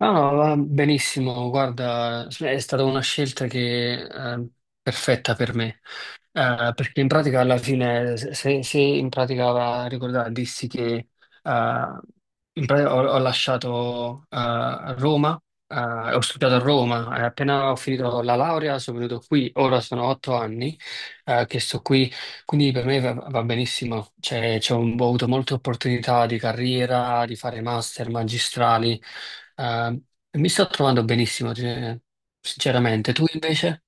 No, no, va benissimo, guarda, cioè, è stata una scelta che perfetta per me. Perché in pratica alla fine, se in pratica va a ricordare, dissi che in pratica ho lasciato Roma, ho studiato a Roma, e appena ho finito la laurea sono venuto qui, ora sono otto anni che sto qui, quindi per me va benissimo, cioè, ho avuto molte opportunità di carriera, di fare master, magistrali, eh, e mi sto trovando benissimo, cioè, sinceramente. Tu invece?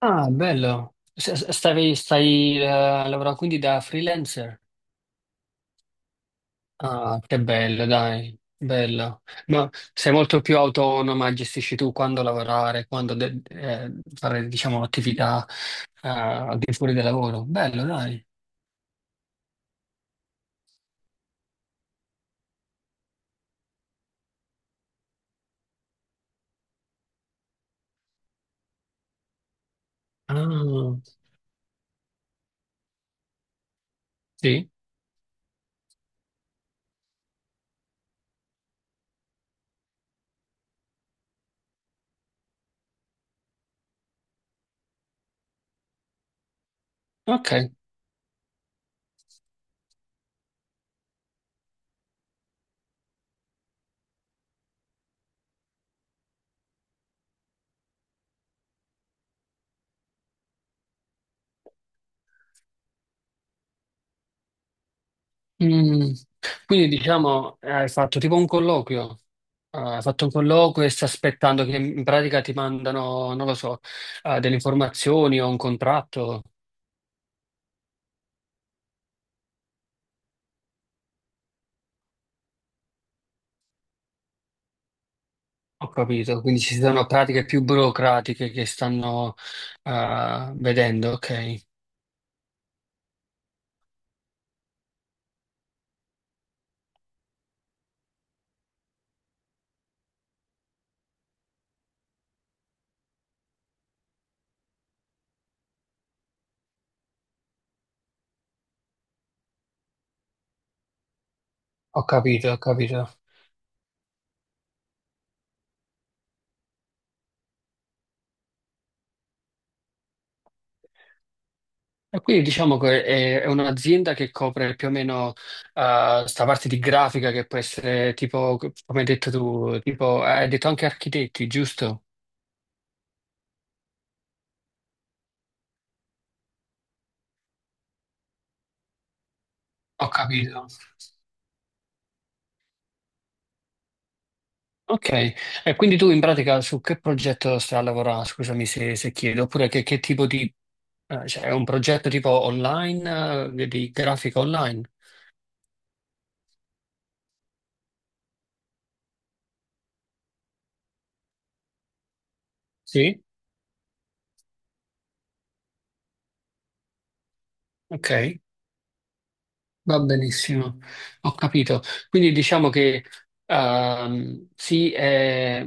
Ah, bello, stai lavorando quindi da freelancer? Ah, che bello, dai, bello. Ma sei molto più autonoma, gestisci tu quando lavorare, fare, diciamo, attività al di fuori del lavoro. Bello, dai. Ah, sì. Ok. Mm. Quindi diciamo, hai fatto tipo un colloquio. Ah, hai fatto un colloquio e stai aspettando che in pratica ti mandano, non lo so, ah, delle informazioni o un contratto. Ho capito, quindi ci sono pratiche più burocratiche che stanno ah, vedendo, ok, ho capito, ho capito. E quindi diciamo che è un'azienda che copre più o meno questa sta parte di grafica che può essere tipo, come hai detto tu, tipo, hai detto anche architetti, giusto? Ho capito. Ok, e quindi tu in pratica su che progetto stai a lavorare? Scusami se chiedo, oppure che tipo di... cioè è un progetto tipo online, di grafica online? Sì? Ok, va benissimo, ho capito. Quindi diciamo che sì,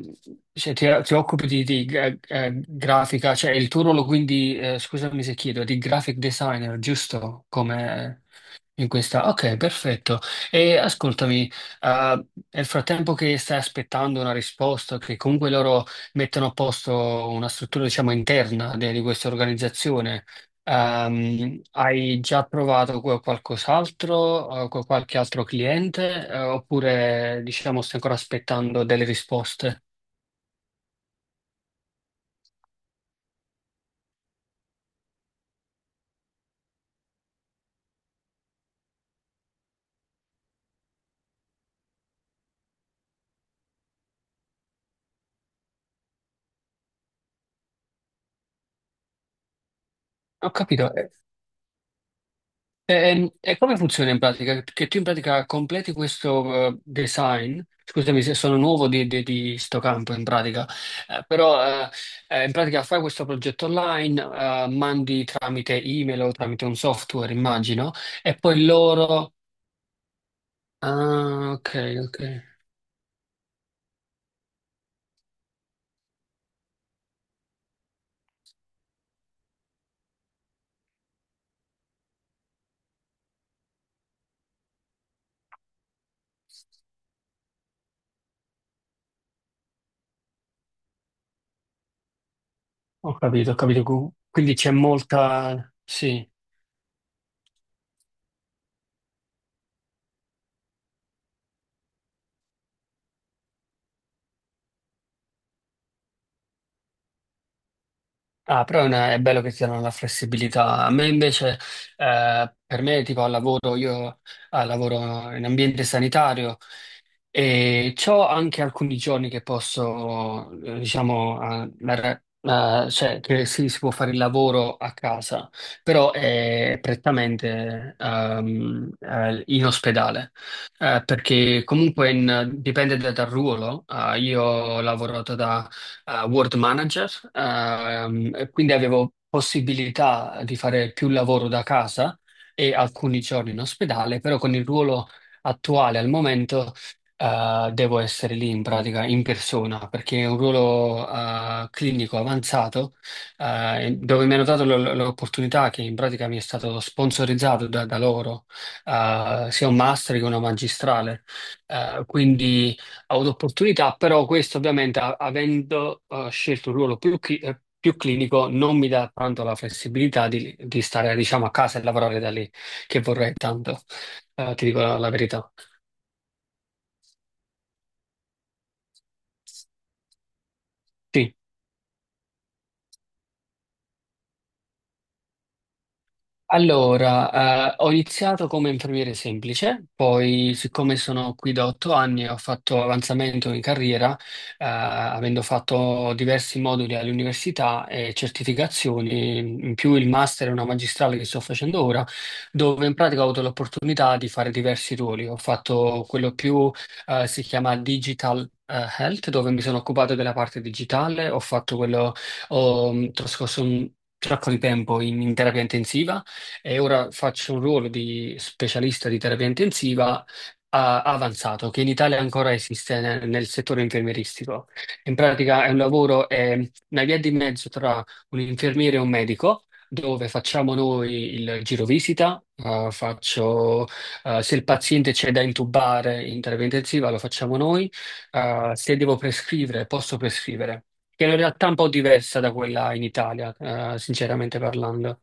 cioè, ti occupi di grafica, cioè il tuo ruolo quindi, scusami se chiedo, è di graphic designer, giusto? Come... In questa, ok, perfetto. E ascoltami, nel frattempo che stai aspettando una risposta, che comunque loro mettono a posto una struttura, diciamo, interna di questa organizzazione, hai già provato qualcos'altro, con qualche altro cliente, oppure, diciamo, stai ancora aspettando delle risposte? Ho capito. E come funziona in pratica? Che tu in pratica completi questo design, scusami se sono nuovo di sto campo in pratica, però in pratica fai questo progetto online, mandi tramite email o tramite un software, immagino, e poi loro... Ah, ok, ok, ho capito, ho capito. Quindi c'è molta... Sì. Ah, però è, è bello che ti danno la flessibilità. A me invece, per me, tipo al lavoro, io lavoro in ambiente sanitario e ho anche alcuni giorni che posso, diciamo, cioè che sì, si può fare il lavoro a casa, però è prettamente in ospedale. Perché comunque dipende dal ruolo. Ah, io ho lavorato World Manager, e quindi avevo possibilità di fare più lavoro da casa e alcuni giorni in ospedale, però con il ruolo attuale al momento devo essere lì in pratica in persona perché è un ruolo clinico avanzato, dove mi hanno dato l'opportunità che in pratica mi è stato sponsorizzato da loro, sia un master che una magistrale. Quindi avuto opportunità, però questo ovviamente avendo scelto un ruolo più clinico non mi dà tanto la flessibilità di stare diciamo a casa e lavorare da lì, che vorrei tanto. Ti dico la verità. Sì. Allora, ho iniziato come infermiere semplice, poi siccome sono qui da otto anni ho fatto avanzamento in carriera, avendo fatto diversi moduli all'università e certificazioni, in più il master e una magistrale che sto facendo ora, dove in pratica ho avuto l'opportunità di fare diversi ruoli. Ho fatto quello più, si chiama Digital Health, dove mi sono occupato della parte digitale, ho fatto quello, ho mm, trascorso un sacco di tempo in terapia intensiva, e ora faccio un ruolo di specialista di terapia intensiva avanzato, che in Italia ancora esiste nel settore infermieristico. In pratica è un lavoro, è una via di mezzo tra un infermiere e un medico. Dove facciamo noi il giro visita, faccio, se il paziente c'è da intubare in terapia intensiva lo facciamo noi, se devo prescrivere posso prescrivere, che è una realtà un po' diversa da quella in Italia, sinceramente parlando.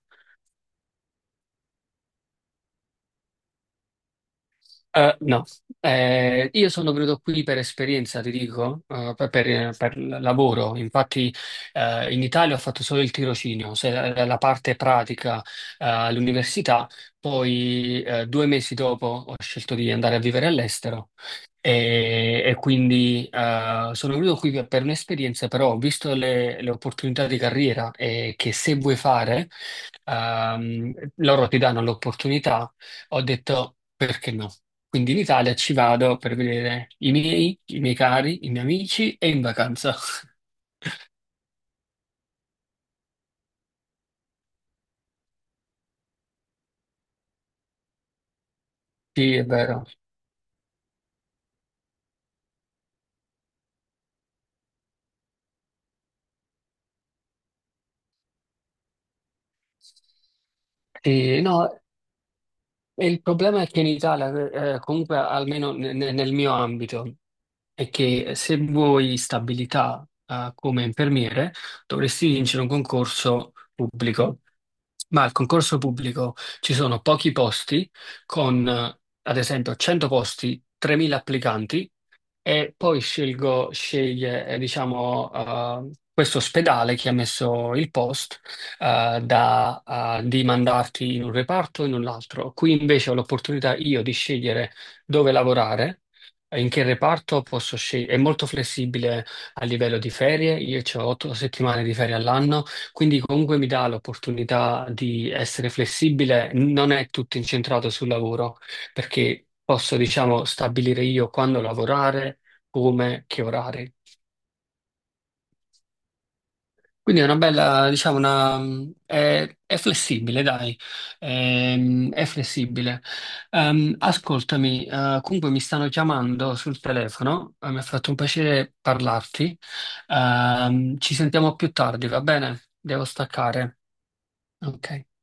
No. Io sono venuto qui per esperienza, ti dico, per lavoro. Infatti, in Italia ho fatto solo il tirocinio, la parte pratica, all'università. Poi, due mesi dopo ho scelto di andare a vivere all'estero e quindi, sono venuto qui per un'esperienza, però ho visto le opportunità di carriera e che se vuoi fare, ehm, loro ti danno l'opportunità, ho detto perché no? Quindi in Italia ci vado per vedere i miei cari, i miei amici e in vacanza. Sì, è vero. Sì, no, e il problema è che in Italia, comunque almeno nel mio ambito, è che se vuoi stabilità, come infermiere, dovresti vincere un concorso pubblico. Ma al concorso pubblico ci sono pochi posti, con ad esempio 100 posti, 3.000 applicanti, e poi sceglie, diciamo, questo ospedale che ha messo il post, eh, da, di mandarti in un reparto o in un altro. Qui invece ho l'opportunità io di scegliere dove lavorare. Eh, in che reparto posso scegliere? È molto flessibile a livello di ferie, io ho otto settimane di ferie all'anno, quindi comunque mi dà l'opportunità di essere flessibile, non è tutto incentrato sul lavoro perché posso, diciamo, stabilire io quando lavorare, come, che orari. Quindi è una bella, diciamo, una, è flessibile, dai. È flessibile. Ascoltami, comunque mi stanno chiamando sul telefono, mi ha fatto un piacere parlarti. Ci sentiamo più tardi, va bene? Devo staccare. Ok.